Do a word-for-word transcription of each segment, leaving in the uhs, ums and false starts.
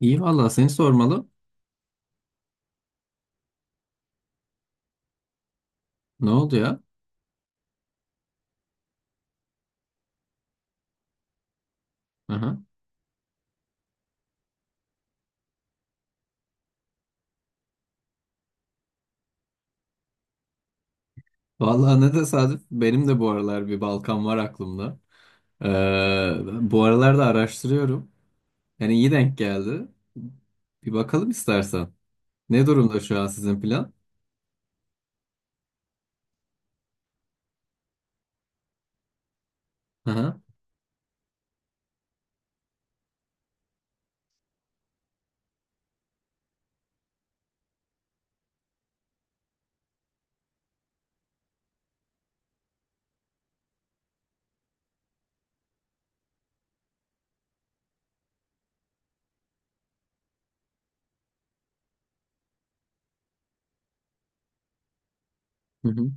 İyi valla seni sormalı. Ne oldu ya? Aha. Valla ne tesadüf. Benim de bu aralar bir Balkan var aklımda. Ee, bu aralar da araştırıyorum. Yani iyi denk geldi. Bir bakalım istersen. Ne durumda şu an sizin plan? Aha. Hı hı.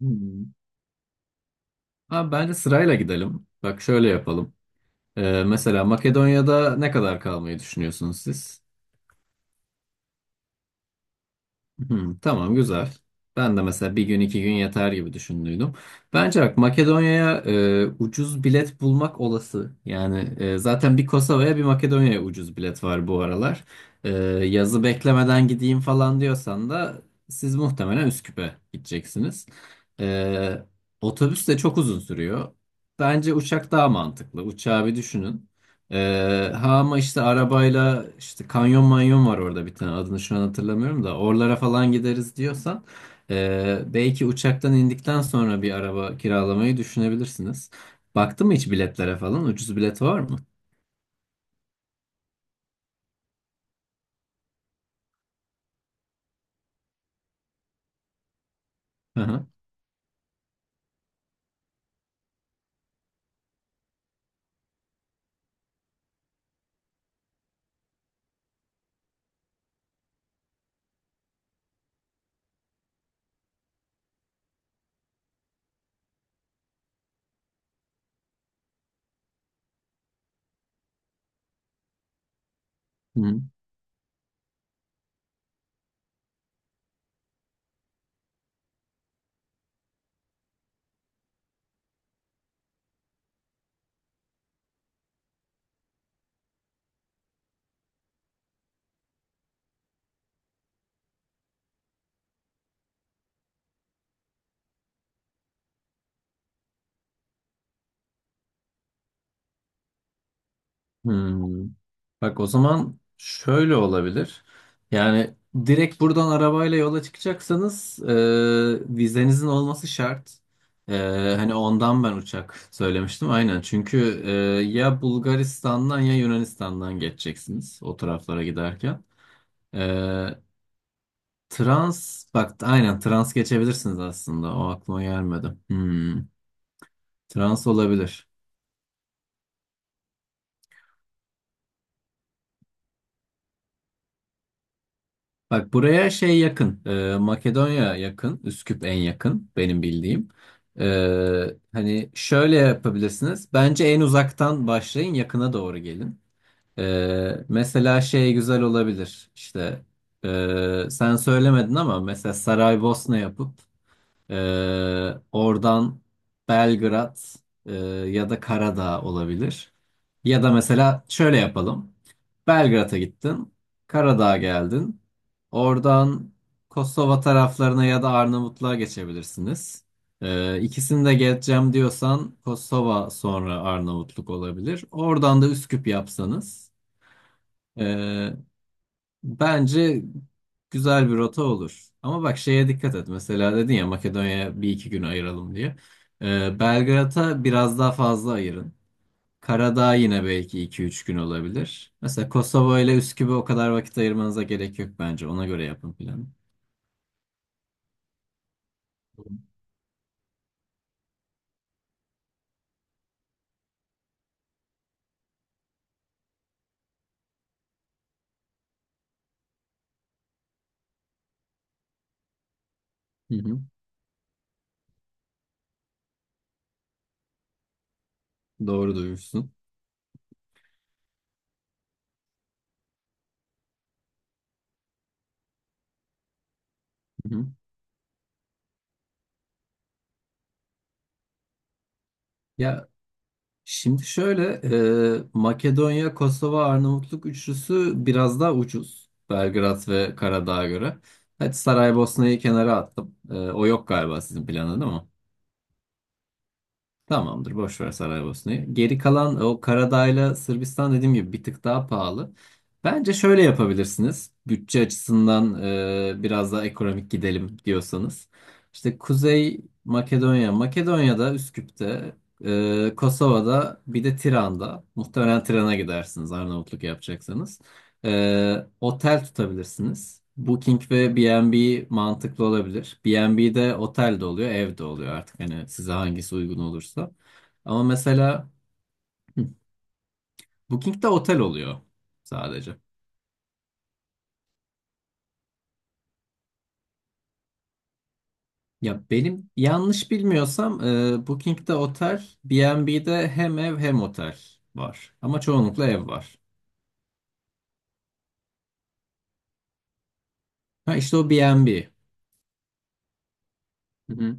Hmm. Abi bence sırayla gidelim. Bak şöyle yapalım. Ee, mesela Makedonya'da ne kadar kalmayı düşünüyorsunuz siz? Hı, tamam güzel. Ben de mesela bir gün iki gün yeter gibi düşündüydüm. Bence bak Makedonya'ya e, ucuz bilet bulmak olası. Yani e, zaten bir Kosova'ya bir Makedonya'ya ucuz bilet var bu aralar. E, Yazı beklemeden gideyim falan diyorsan da siz muhtemelen Üsküp'e gideceksiniz. E, Otobüs de çok uzun sürüyor. Bence uçak daha mantıklı. Uçağı bir düşünün. Ee, ha ama işte arabayla işte kanyon manyon var orada bir tane adını şu an hatırlamıyorum da oralara falan gideriz diyorsan ee, belki uçaktan indikten sonra bir araba kiralamayı düşünebilirsiniz. Baktın mı hiç biletlere falan? Ucuz bilet var mı? Hı hı. Hmm. Bak o zaman şöyle olabilir. Yani direkt buradan arabayla yola çıkacaksanız e, vizenizin olması şart. E, Hani ondan ben uçak söylemiştim aynen. Çünkü e, ya Bulgaristan'dan ya Yunanistan'dan geçeceksiniz o taraflara giderken. E, Trans bak aynen trans geçebilirsiniz aslında. O aklıma gelmedi. Hmm. Trans olabilir. Bak buraya şey yakın. e, Makedonya yakın. Üsküp en yakın benim bildiğim. E, Hani şöyle yapabilirsiniz. Bence en uzaktan başlayın yakına doğru gelin. E, mesela şey güzel olabilir. İşte e, sen söylemedin ama mesela Saraybosna yapıp ee, oradan Belgrad e, ya da Karadağ olabilir. Ya da mesela şöyle yapalım. Belgrad'a gittin, Karadağ'a geldin. Oradan Kosova taraflarına ya da Arnavutluğa geçebilirsiniz. Ee, ikisini de geçeceğim diyorsan Kosova sonra Arnavutluk olabilir. Oradan da Üsküp yapsanız. ee, Bence güzel bir rota olur. Ama bak şeye dikkat et. Mesela dedin ya Makedonya'ya bir iki gün ayıralım diye. Ee, Belgrad'a biraz daha fazla ayırın. Karadağ yine belki iki üç gün olabilir. Mesela Kosova ile Üsküp'e o kadar vakit ayırmanıza gerek yok bence. Ona göre yapın planı. Hı hı. Doğru duymuşsun. Hı hı. Ya şimdi şöyle, e, Makedonya, Kosova, Arnavutluk üçlüsü biraz daha ucuz. Belgrad ve Karadağ'a göre. Hadi Saraybosna'yı kenara attım. E, o yok galiba, sizin planda değil mi? Tamamdır, boş ver Saraybosna'yı. Geri kalan o Karadağ'la Sırbistan dediğim gibi bir tık daha pahalı. Bence şöyle yapabilirsiniz. Bütçe açısından e, biraz daha ekonomik gidelim diyorsanız. İşte Kuzey Makedonya, Makedonya'da Üsküp'te, e, Kosova'da bir de Tiran'da. Muhtemelen Tiran'a gidersiniz Arnavutluk yapacaksanız. Ee, otel tutabilirsiniz. Booking ve B ve B mantıklı olabilir. B ve B'de otel de oluyor, ev de oluyor artık, hani size hangisi uygun olursa. Ama mesela hı, Booking'de otel oluyor sadece. Ya benim yanlış bilmiyorsam e, Booking'de otel, B ve B'de hem ev hem otel var. Ama çoğunlukla ev var. Ha işte o B ve B. Hı hı.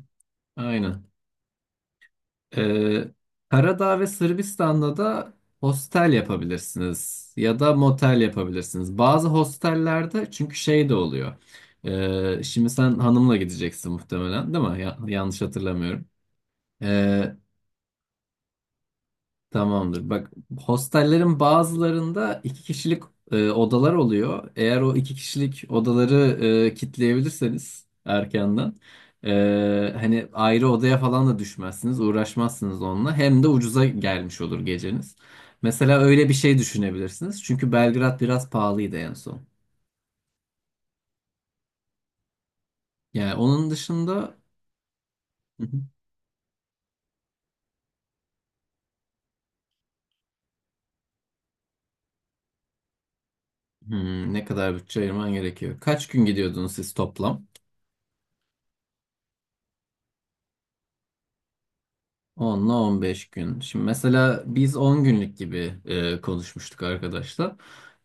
Aynen. Ee, Karadağ ve Sırbistan'da da hostel yapabilirsiniz ya da motel yapabilirsiniz. Bazı hostellerde çünkü şey de oluyor. Ee, şimdi sen hanımla gideceksin muhtemelen, değil mi? Ya- yanlış hatırlamıyorum. Tamamdır. Bak hostellerin bazılarında iki kişilik e, odalar oluyor. Eğer o iki kişilik odaları e, kitleyebilirseniz erkenden e, hani ayrı odaya falan da düşmezsiniz, uğraşmazsınız onunla. Hem de ucuza gelmiş olur geceniz. Mesela öyle bir şey düşünebilirsiniz. Çünkü Belgrad biraz pahalıydı en son. Yani onun dışında. Hı hı. Hmm, ne kadar bütçe ayırman gerekiyor? Kaç gün gidiyordunuz siz toplam? onla on beş gün. Şimdi mesela biz on günlük gibi e, konuşmuştuk arkadaşlar.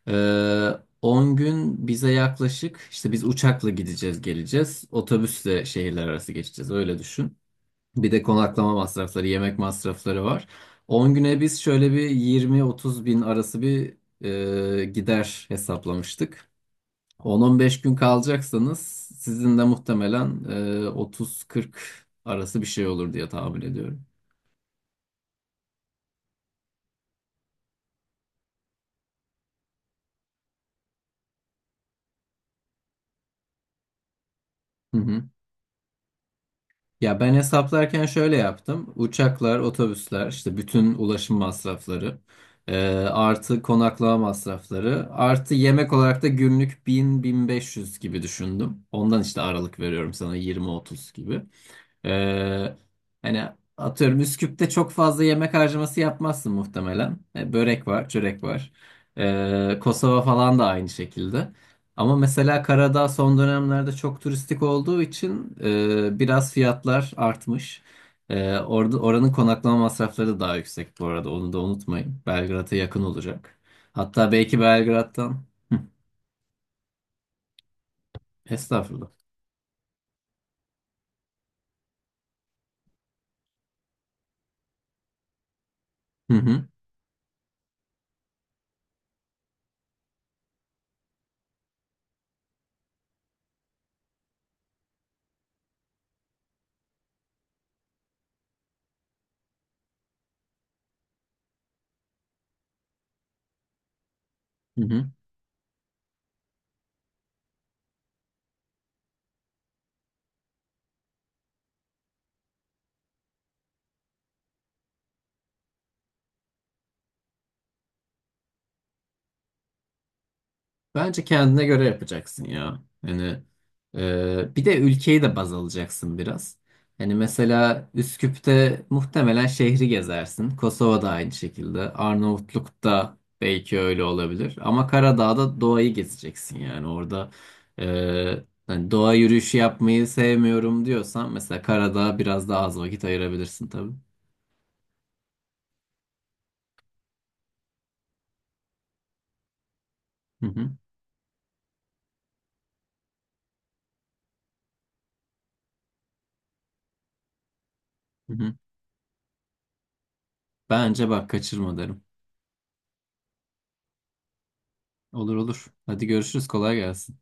E, on gün bize yaklaşık işte biz uçakla gideceğiz geleceğiz. Otobüsle şehirler arası geçeceğiz öyle düşün. Bir de konaklama masrafları, yemek masrafları var. on güne biz şöyle bir yirmi otuz bin arası bir e, gider hesaplamıştık. on on beş gün kalacaksanız sizin de muhtemelen e, otuz kırk arası bir şey olur diye tahmin ediyorum. Hı hı. Ya ben hesaplarken şöyle yaptım. Uçaklar, otobüsler, işte bütün ulaşım masrafları, e, artı konaklama masrafları, artı yemek olarak da günlük bin bin beş yüz gibi düşündüm. Ondan işte aralık veriyorum sana yirmi otuz gibi. Ee, hani atıyorum Üsküp'te çok fazla yemek harcaması yapmazsın muhtemelen. E, börek var, çörek var. Ee, Kosova falan da aynı şekilde. Ama mesela Karadağ son dönemlerde çok turistik olduğu için e, biraz fiyatlar artmış. E, orada oranın konaklama masrafları da daha yüksek bu arada. Onu da unutmayın. Belgrad'a yakın olacak. Hatta belki Belgrad'dan. Hı, estağfurullah. Hı hı. Hı hı. Bence kendine göre yapacaksın ya. Yani e, bir de ülkeyi de baz alacaksın biraz. Hani mesela Üsküp'te muhtemelen şehri gezersin. Kosova'da aynı şekilde. Arnavutluk'ta belki öyle olabilir. Ama Karadağ'da doğayı gezeceksin yani. Orada e, hani doğa yürüyüşü yapmayı sevmiyorum diyorsan mesela Karadağ'a biraz daha az vakit ayırabilirsin tabii. Hı hı, hı hı. Bence bak kaçırma derim. Olur olur. Hadi görüşürüz. Kolay gelsin.